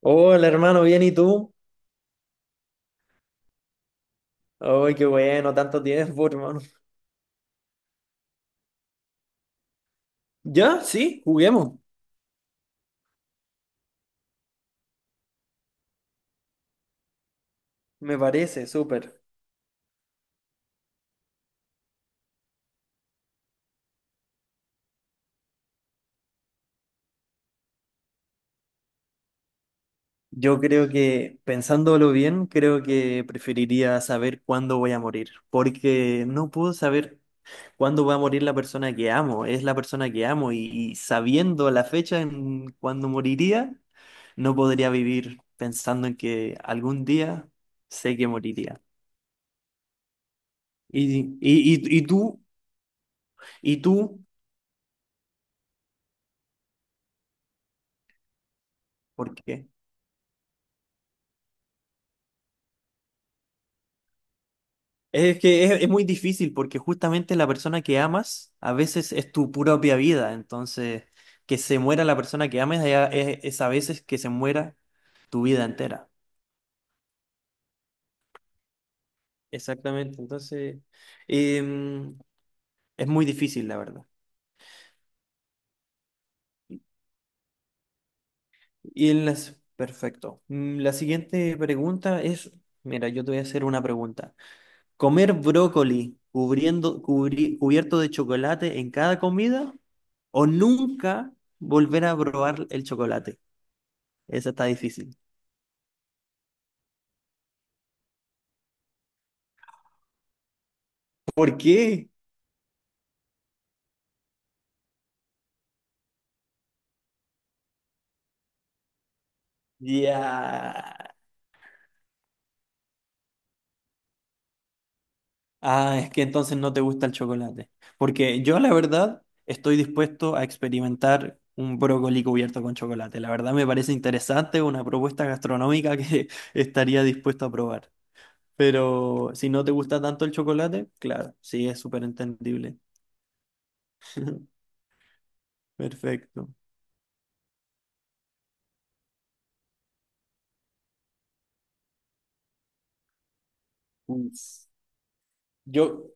Hola hermano, ¿bien y tú? Ay, qué bueno, tanto tiempo, hermano. Ya, sí, juguemos. Me parece, súper. Yo creo que, pensándolo bien, creo que preferiría saber cuándo voy a morir, porque no puedo saber cuándo va a morir la persona que amo, es la persona que amo y sabiendo la fecha en cuándo moriría, no podría vivir pensando en que algún día sé que moriría. ¿Y, y tú? ¿Y tú? ¿Por qué? Es que es muy difícil porque justamente la persona que amas a veces es tu propia vida, entonces que se muera la persona que ames ya es a veces que se muera tu vida entera. Exactamente, entonces em, es muy difícil la verdad. Perfecto. La siguiente pregunta es, mira, yo te voy a hacer una pregunta. ¿Comer brócoli cubierto de chocolate en cada comida o nunca volver a probar el chocolate? Esa está difícil. ¿Por qué? Ya. Ah, es que entonces no te gusta el chocolate. Porque yo, la verdad, estoy dispuesto a experimentar un brócoli cubierto con chocolate. La verdad me parece interesante una propuesta gastronómica que estaría dispuesto a probar. Pero si no te gusta tanto el chocolate, claro, sí, es súper entendible. Perfecto. Uf. Yo,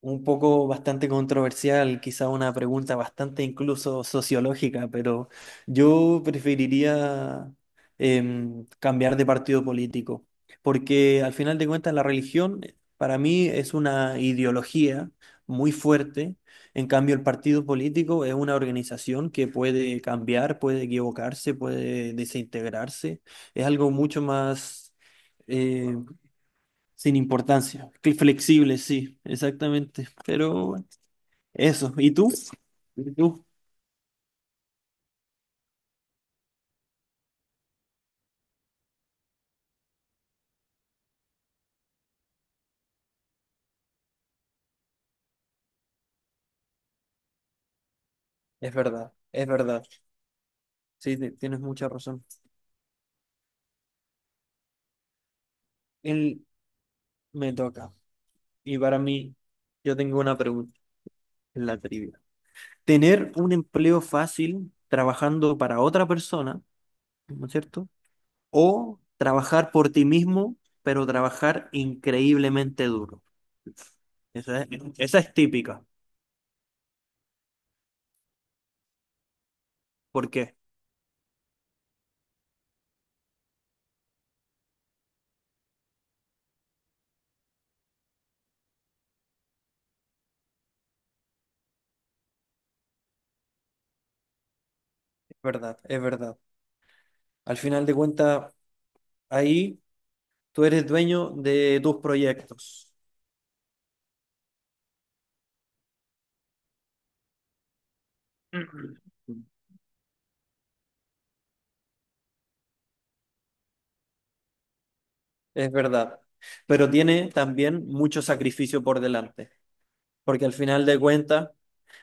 un poco bastante controversial, quizá una pregunta bastante incluso sociológica, pero yo preferiría cambiar de partido político, porque al final de cuentas la religión para mí es una ideología muy fuerte, en cambio el partido político es una organización que puede cambiar, puede equivocarse, puede desintegrarse, es algo mucho más eh, sin importancia. Flexible, sí, exactamente. Pero bueno, eso. ¿Y tú? ¿Y tú? Es verdad, es verdad. Sí, tienes mucha razón. Él me toca. Y para mí, yo tengo una pregunta en la trivia. ¿Tener un empleo fácil trabajando para otra persona, ¿no es cierto? ¿O trabajar por ti mismo, pero trabajar increíblemente duro? Esa es, esa es típica. ¿Por qué? Es verdad, es verdad. Al final de cuentas, ahí tú eres dueño de tus proyectos, es verdad. Pero tiene también mucho sacrificio por delante, porque al final de cuentas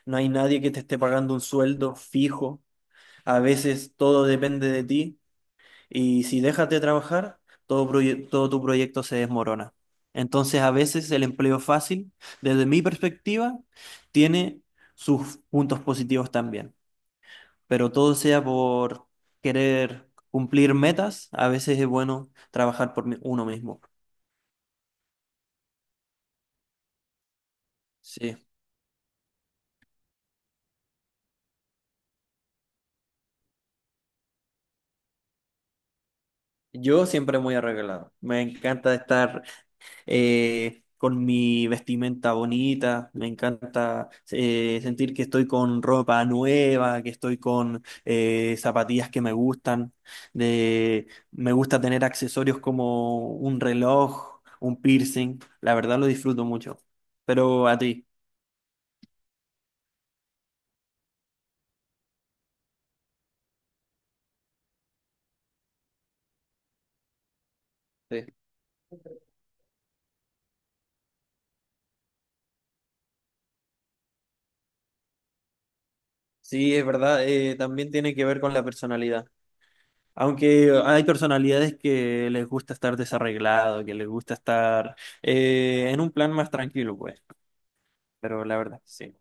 no hay nadie que te esté pagando un sueldo fijo. A veces todo depende de ti y si dejas de trabajar, todo tu proyecto se desmorona. Entonces a veces el empleo fácil, desde mi perspectiva, tiene sus puntos positivos también. Pero todo sea por querer cumplir metas, a veces es bueno trabajar por uno mismo. Sí, yo siempre muy arreglado. Me encanta estar con mi vestimenta bonita, me encanta sentir que estoy con ropa nueva, que estoy con zapatillas que me gustan. Me gusta tener accesorios como un reloj, un piercing. La verdad lo disfruto mucho. Pero a ti. Sí, es verdad, también tiene que ver con la personalidad. Aunque hay personalidades que les gusta estar desarreglado, que les gusta estar en un plan más tranquilo, pues. Pero la verdad, sí.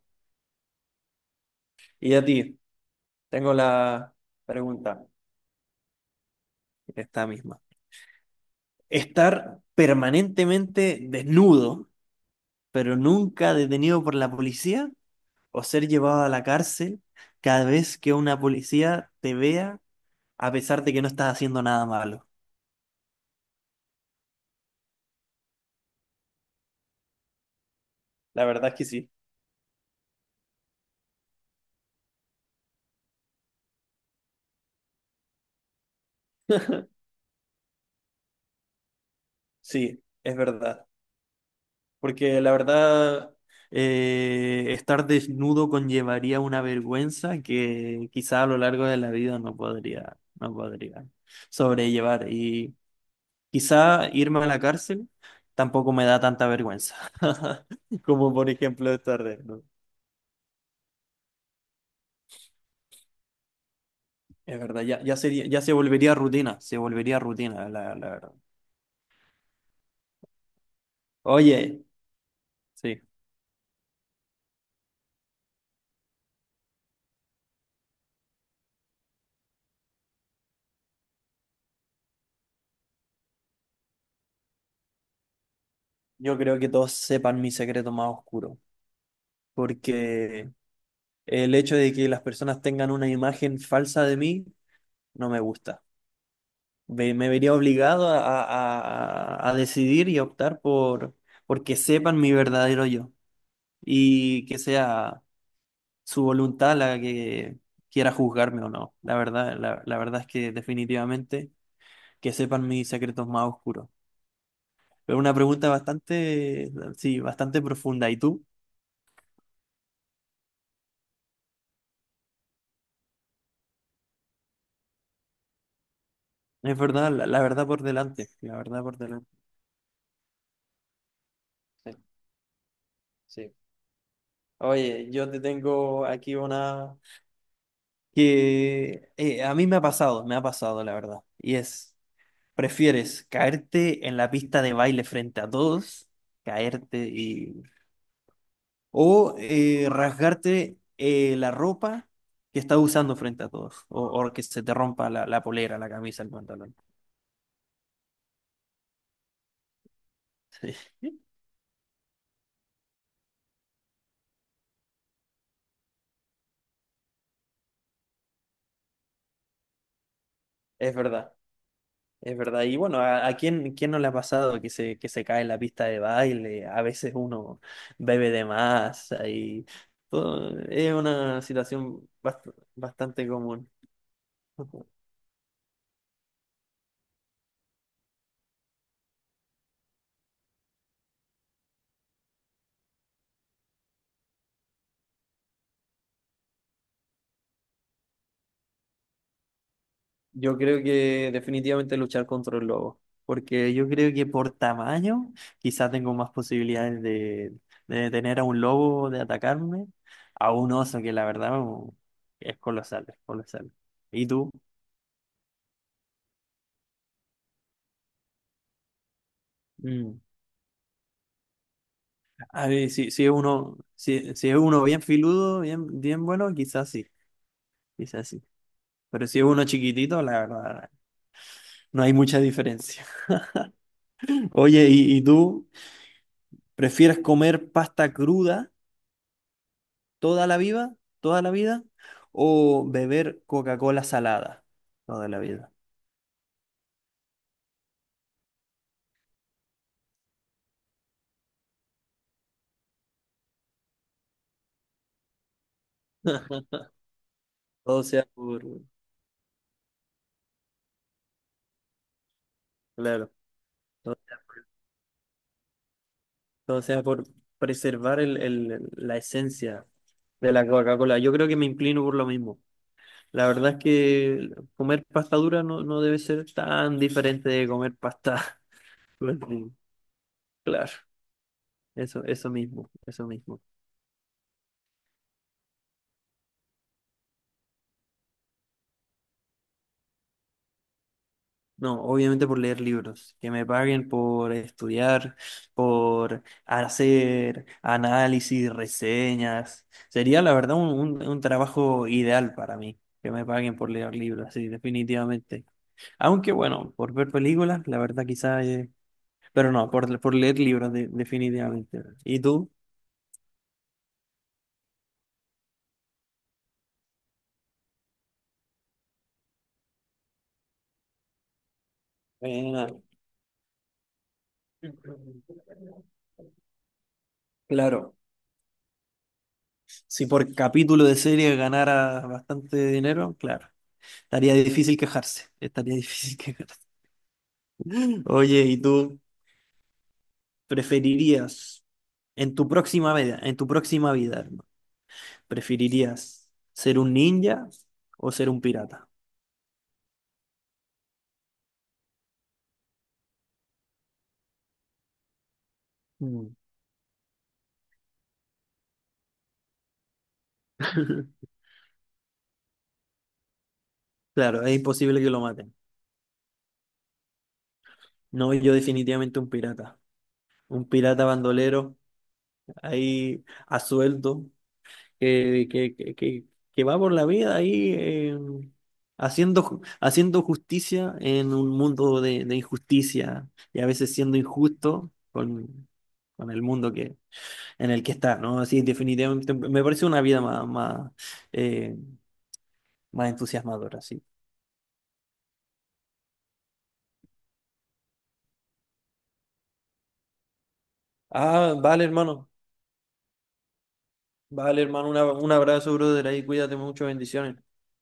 Y a ti, tengo la pregunta, esta misma. ¿Estar permanentemente desnudo, pero nunca detenido por la policía? ¿O ser llevado a la cárcel cada vez que una policía te vea, a pesar de que no estás haciendo nada malo? La verdad es que sí. Sí, es verdad. Porque la verdad, estar desnudo conllevaría una vergüenza que quizá a lo largo de la vida no podría sobrellevar. Y quizá irme a la cárcel tampoco me da tanta vergüenza como por ejemplo estar desnudo. Es verdad, ya, ya se volvería rutina, la verdad. Oye, sí, yo creo que todos sepan mi secreto más oscuro. Porque el hecho de que las personas tengan una imagen falsa de mí no me gusta. Me vería obligado a, a decidir y a optar por que sepan mi verdadero yo y que sea su voluntad la que quiera juzgarme o no. La verdad, la verdad es que definitivamente que sepan mis secretos más oscuros. Pero una pregunta bastante, sí, bastante profunda. ¿Y tú? Es verdad, la verdad por delante, la verdad por delante. Sí, sí. Oye, yo te tengo aquí una que a mí me ha pasado la verdad. Y es, ¿prefieres caerte en la pista de baile frente a todos, caerte y... o rasgarte la ropa que estás usando frente a todos, o que se te rompa la polera, la camisa, el pantalón? Sí, es verdad. Es verdad, y bueno, ¿a quién, no le ha pasado que se cae en la pista de baile? A veces uno bebe de más y todo, es una situación bastante común. Yo creo que definitivamente luchar contra el lobo, porque yo creo que por tamaño quizás tengo más posibilidades de detener a un lobo, de atacarme, a un oso que la verdad es colosal, es colosal. ¿Y tú? Mm. A ver, si es uno, si es uno bien filudo, bien, bien bueno, quizás sí, quizás sí. Pero si es uno chiquitito, la verdad, no hay mucha diferencia. Oye, ¿y tú prefieres comer pasta cruda toda la vida, o beber Coca-Cola salada toda la vida? Todo sea por, claro, todo, todo sea por preservar la esencia de la Coca-Cola. Yo creo que me inclino por lo mismo. La verdad es que comer pasta dura no debe ser tan diferente de comer pasta. verde. Claro, eso mismo, eso mismo. No, obviamente por leer libros, que me paguen por estudiar, por hacer análisis, reseñas. Sería la verdad un trabajo ideal para mí, que me paguen por leer libros, sí, definitivamente. Aunque bueno, por ver películas, la verdad quizás. Pero no, por leer libros, definitivamente. ¿Y tú? Buena. Claro, si por capítulo de serie ganara bastante dinero, claro, estaría difícil quejarse, estaría difícil quejarse. Oye, ¿y tú preferirías en tu próxima vida, en tu próxima vida, hermano, preferirías ser un ninja o ser un pirata? Mm. Claro, es imposible que lo maten. No, yo definitivamente un pirata. Un pirata bandolero ahí a sueldo, que, que, que, que- que va por la vida ahí haciendo justicia en un mundo de injusticia y a veces siendo injusto con el mundo en el que está, ¿no? Así definitivamente me parece una vida más, eh, más entusiasmadora, sí. Ah, vale, hermano. Vale, hermano, un abrazo, brother, ahí cuídate mucho, bendiciones.